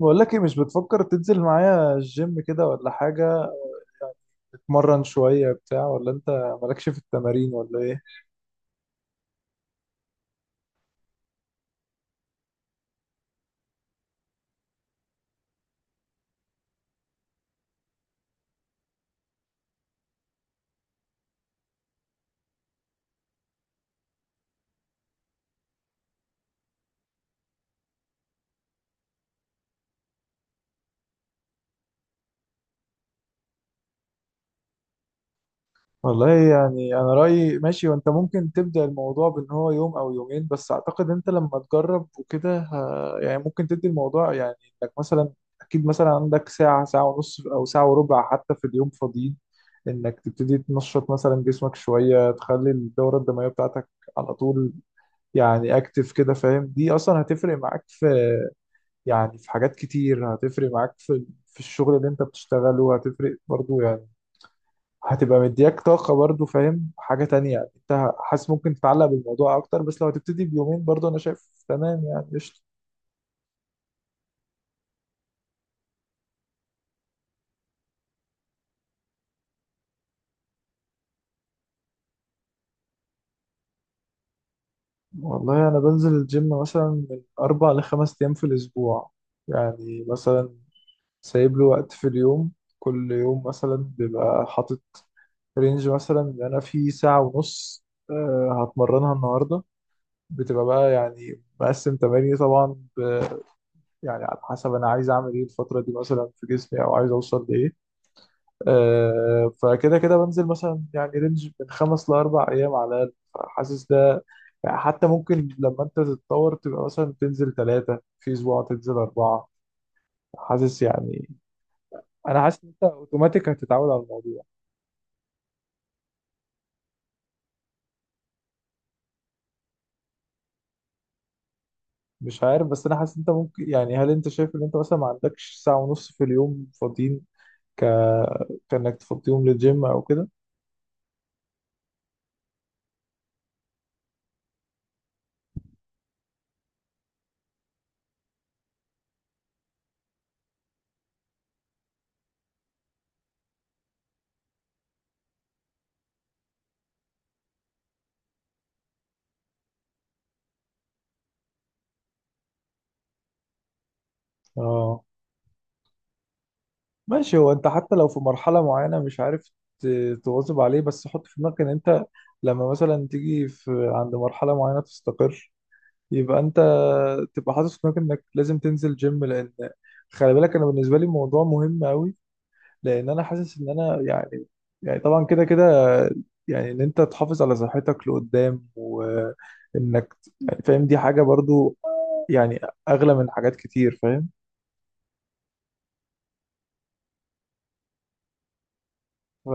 بقول لك ايه؟ مش بتفكر تنزل معايا الجيم كده ولا حاجة؟ تتمرن شوية بتاع ولا انت مالكش في التمارين ولا ايه؟ والله يعني انا رأيي ماشي، وانت ممكن تبدأ الموضوع بان هو يوم او يومين، بس اعتقد انت لما تجرب وكده يعني ممكن تدي الموضوع يعني انك مثلا. اكيد مثلا عندك ساعة ونص او ساعة وربع حتى في اليوم فاضيين انك تبتدي تنشط مثلا جسمك شوية، تخلي الدورة الدموية بتاعتك على طول. يعني اكتف كده فاهم، دي اصلا هتفرق معاك في، يعني في حاجات كتير هتفرق معاك في الشغل اللي انت بتشتغله، هتفرق برضو يعني. هتبقى مدياك طاقة برضو فاهم، حاجة تانية يعني انت حاسس ممكن تتعلق بالموضوع اكتر، بس لو هتبتدي بيومين برضو انا شايف تمام يعني قشطة. والله انا بنزل الجيم مثلا من اربع لخمس ايام في الاسبوع، يعني مثلا سايب له وقت في اليوم، كل يوم مثلا بيبقى حاطط رينج مثلا ان انا في ساعة ونص هتمرنها النهاردة، بتبقى بقى يعني مقسم تماريني طبعا يعني على حسب انا عايز اعمل ايه الفتره دي مثلا في جسمي او عايز اوصل لايه. آه فكده كده بنزل مثلا يعني رينج من خمس لاربع ايام على الاقل، فحاسس ده يعني حتى ممكن لما انت تتطور تبقى مثلا تنزل ثلاثه في اسبوع تنزل اربعه. حاسس يعني انا حاسس ان انت اوتوماتيك هتتعود على الموضوع. مش عارف، بس انا حاسس إن انت ممكن يعني، هل انت شايف ان انت مثلا ما عندكش ساعه ونص في اليوم فاضيين ك كانك تفضيهم للجيم او كده؟ اه ماشي، هو انت حتى لو في مرحلة معينة مش عارف تواظب عليه، بس حط في دماغك ان انت لما مثلا تيجي في عند مرحلة معينة تستقر يبقى انت تبقى حاطط في دماغك انك لازم تنزل جيم. لان خلي بالك انا بالنسبة لي الموضوع مهم قوي، لان انا حاسس ان انا يعني طبعا كده كده يعني ان انت تحافظ على صحتك لقدام، وانك يعني فاهم دي حاجة برضو يعني اغلى من حاجات كتير فاهم.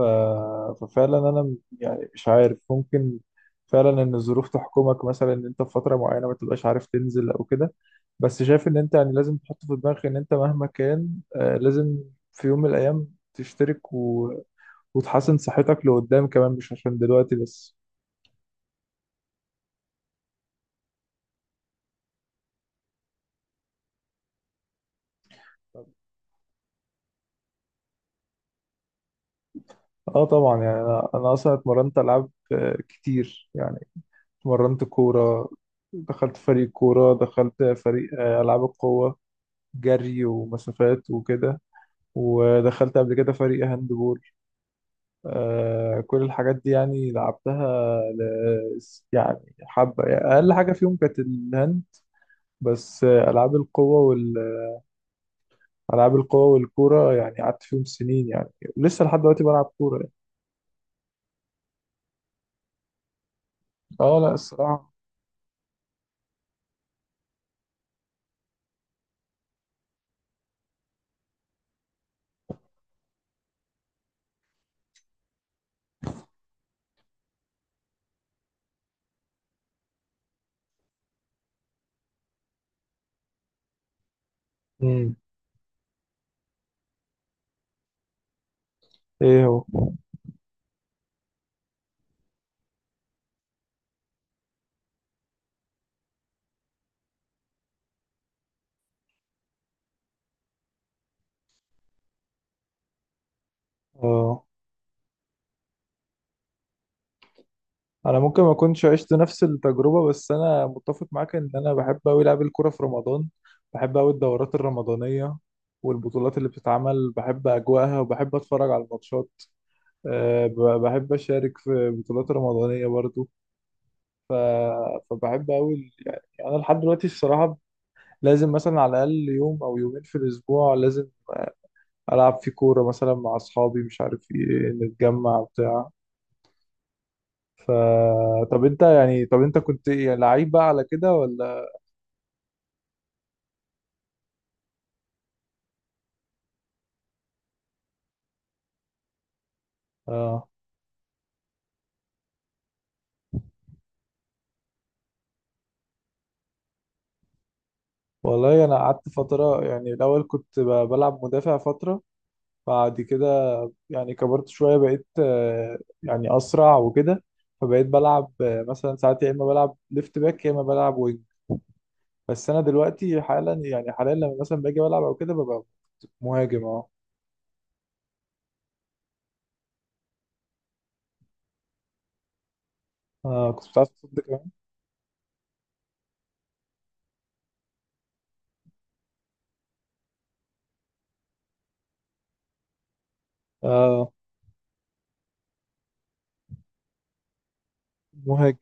ففعلا انا يعني مش عارف، ممكن فعلا ان الظروف تحكمك، مثلا ان انت في فتره معينه ما تبقاش عارف تنزل او كده، بس شايف ان انت يعني لازم تحط في دماغك ان انت مهما كان لازم في يوم من الايام تشترك وتحسن صحتك لقدام كمان، مش عشان دلوقتي بس. اه طبعا، يعني انا اصلا اتمرنت العاب كتير يعني. اتمرنت كوره، دخلت فريق كوره، دخلت فريق العاب القوه، جري ومسافات وكده، ودخلت قبل كده فريق هاند بول. كل الحاجات دي يعني لعبتها يعني حبة، يعني أقل حاجة فيهم كانت الهاند، بس ألعاب القوة ألعاب القوة والكورة يعني قعدت فيهم سنين يعني، ولسه لحد دلوقتي بلعب كورة يعني. اه لا الصراحة. مم. ايه هو؟ اه. انا ممكن ما كنتش عشت نفس التجربه، بس انا متفق معاك ان انا بحب قوي العب الكوره في رمضان، بحب قوي الدورات الرمضانيه والبطولات اللي بتتعمل، بحب اجواءها وبحب اتفرج على الماتشات. أه بحب اشارك في بطولات رمضانيه برضو. ف... فبحب قوي يعني انا لحد دلوقتي الصراحه لازم مثلا على الاقل يوم او يومين في الاسبوع لازم العب في كوره مثلا مع اصحابي، مش عارف ايه، نتجمع بتاع. ف طب انت يعني، طب انت كنت إيه، لعيب بقى على كده ولا؟ اه والله انا قعدت فتره، يعني الاول كنت بلعب مدافع فتره، بعد كده يعني كبرت شويه، بقيت يعني اسرع وكده، فبقيت بلعب مثلا ساعات يا اما بلعب ليفت باك يا اما بلعب وينج، بس انا دلوقتي حالا يعني حاليا لما مثلا باجي بلعب او كده ببقى مهاجم. اه. آه، كنت بتعرف تصد كمان. اه مهاجم.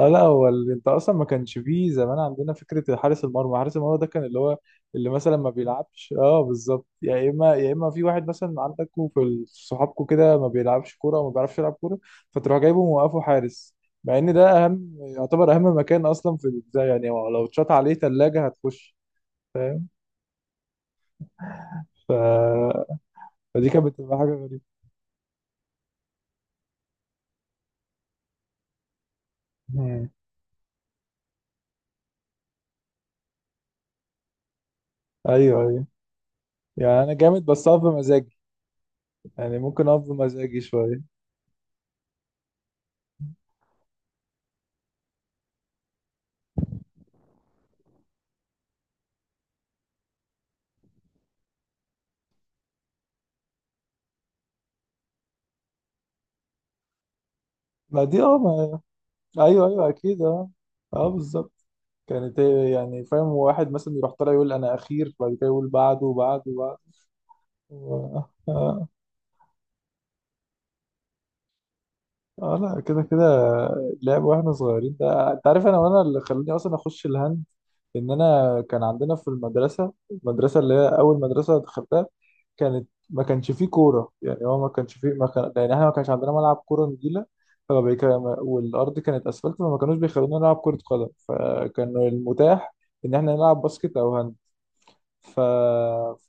اه لا، هو انت اصلا ما كانش فيه زمان عندنا فكره حارس المرمى. حارس المرمى ده كان اللي هو اللي مثلا ما بيلعبش، اه بالظبط، يا اما يا اما في واحد مثلا عندكوا في صحابكوا كده ما بيلعبش كوره وما بيعرفش يلعب كوره، فتروح جايبه موقفه حارس، مع ان ده اهم، يعتبر اهم مكان اصلا في البتاع، يعني هو لو اتشاط عليه ثلاجه هتخش فاهم. ف... فدي كانت بتبقى حاجه غريبه. مم. ايوه، ايوه. يعني انا جامد بس اقف بمزاجي، يعني ممكن اقف بمزاجي شويه. ما دي اه ما... ايوه ايوه اكيد اه، اه بالظبط. كانت هي يعني فاهم، واحد مثلا يروح طالع يقول انا اخير، بعد كده يقول بعده وبعده وبعده و- اه. لا كده كده لعب واحنا صغيرين ده، انت عارف انا وانا اللي خلاني اصلا اخش الهند ان انا كان عندنا في المدرسه، المدرسه اللي هي اول مدرسه دخلتها كانت ما كانش فيه كوره. يعني هو ما كانش فيه، ما كان يعني احنا ما كانش عندنا ملعب كوره نجيله، فما بيك- والارض كانت اسفلت، فما كانوش بيخلونا نلعب كره قدم، فكان المتاح ان احنا نلعب باسكت او هاند. ف...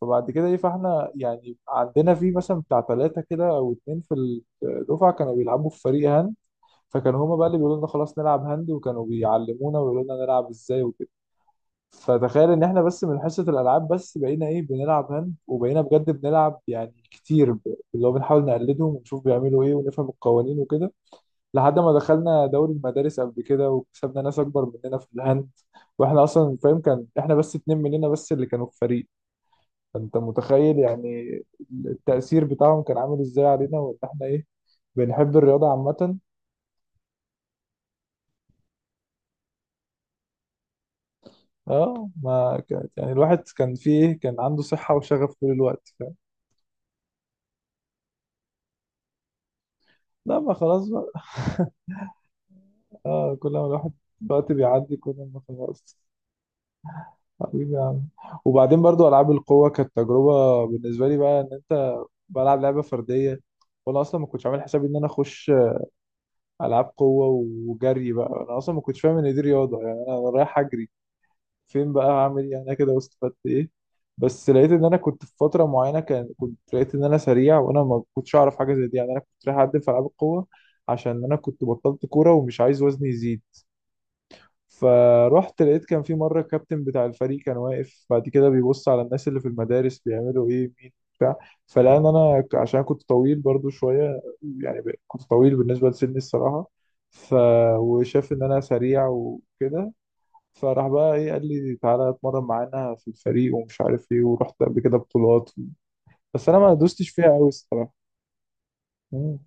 فبعد كده ايه، فاحنا يعني عندنا في مثلا بتاع ثلاثة كده او اتنين في الدفعة كانوا بيلعبوا في فريق هاند، فكانوا هما بقى اللي بيقولوا لنا خلاص نلعب هاند، وكانوا بيعلمونا ويقولوا لنا نلعب ازاي وكده. فتخيل ان احنا بس من حصة الالعاب بس بقينا ايه بنلعب هاند، وبقينا بجد بنلعب يعني كتير اللي هو بنحاول نقلدهم ونشوف بيعملوا ايه ونفهم القوانين وكده، لحد ما دخلنا دوري المدارس قبل كده وكسبنا ناس اكبر مننا في الهاند. واحنا اصلا فاهم كان احنا بس اتنين مننا بس اللي كانوا في فريق، فانت متخيل يعني التأثير بتاعهم كان عامل ازاي علينا، وان احنا ايه بنحب الرياضة عامة. اه ما كانت يعني الواحد كان فيه ايه، كان عنده صحة وشغف طول الوقت فاهم. لا ما خلاص بقى اه كل ما الواحد الوقت بيعدي كل ما خلاص. حبيبي يا عم، وبعدين برضو ألعاب القوة كانت تجربة بالنسبة لي بقى إن أنت بلعب لعبة فردية، وأنا أصلا ما كنتش عامل حسابي إن أنا أخش ألعاب قوة وجري بقى. أنا أصلا ما كنتش فاهم إن دي رياضة، يعني أنا رايح أجري فين بقى؟ هعمل ايه يعني انا كده واستفدت ايه؟ بس لقيت ان انا كنت في فتره معينه، كان كنت لقيت ان انا سريع وانا ما كنتش اعرف حاجه زي دي، يعني انا كنت رايح اقدم في العاب القوه عشان انا كنت بطلت كوره ومش عايز وزني يزيد، فروحت لقيت كان في مره الكابتن بتاع الفريق كان واقف بعد كده بيبص على الناس اللي في المدارس بيعملوا ايه مين بتاع، فلقى ان انا عشان كنت طويل برضو شويه، يعني كنت طويل بالنسبه لسني الصراحه، ف وشاف ان انا سريع وكده، فراح بقى ايه قال لي تعالى اتمرن معانا في الفريق، ومش عارف ايه، ورحت قبل كده بطولات، بس انا ما دوستش فيها قوي الصراحه. مم.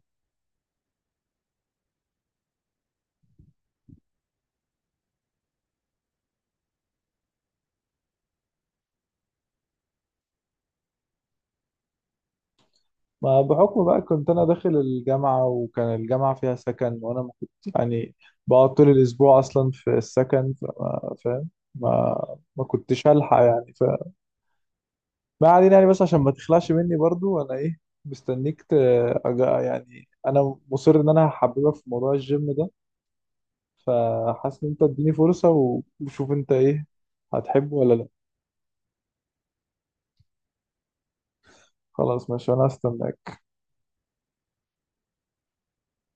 ما بحكم بقى كنت انا داخل الجامعه، وكان الجامعه فيها سكن وانا ما كنت يعني بقعد طول الاسبوع اصلا في السكن فما فاهم، ما ما كنتش هلحق يعني، فما علينا يعني، بس عشان ما تخلعش مني برضو انا ايه، مستنيك يعني انا مصر ان انا هحببك في موضوع الجيم ده، فحاسس ان انت اديني فرصة وشوف انت ايه هتحبه ولا لا. خلاص ماشي، انا هستناك.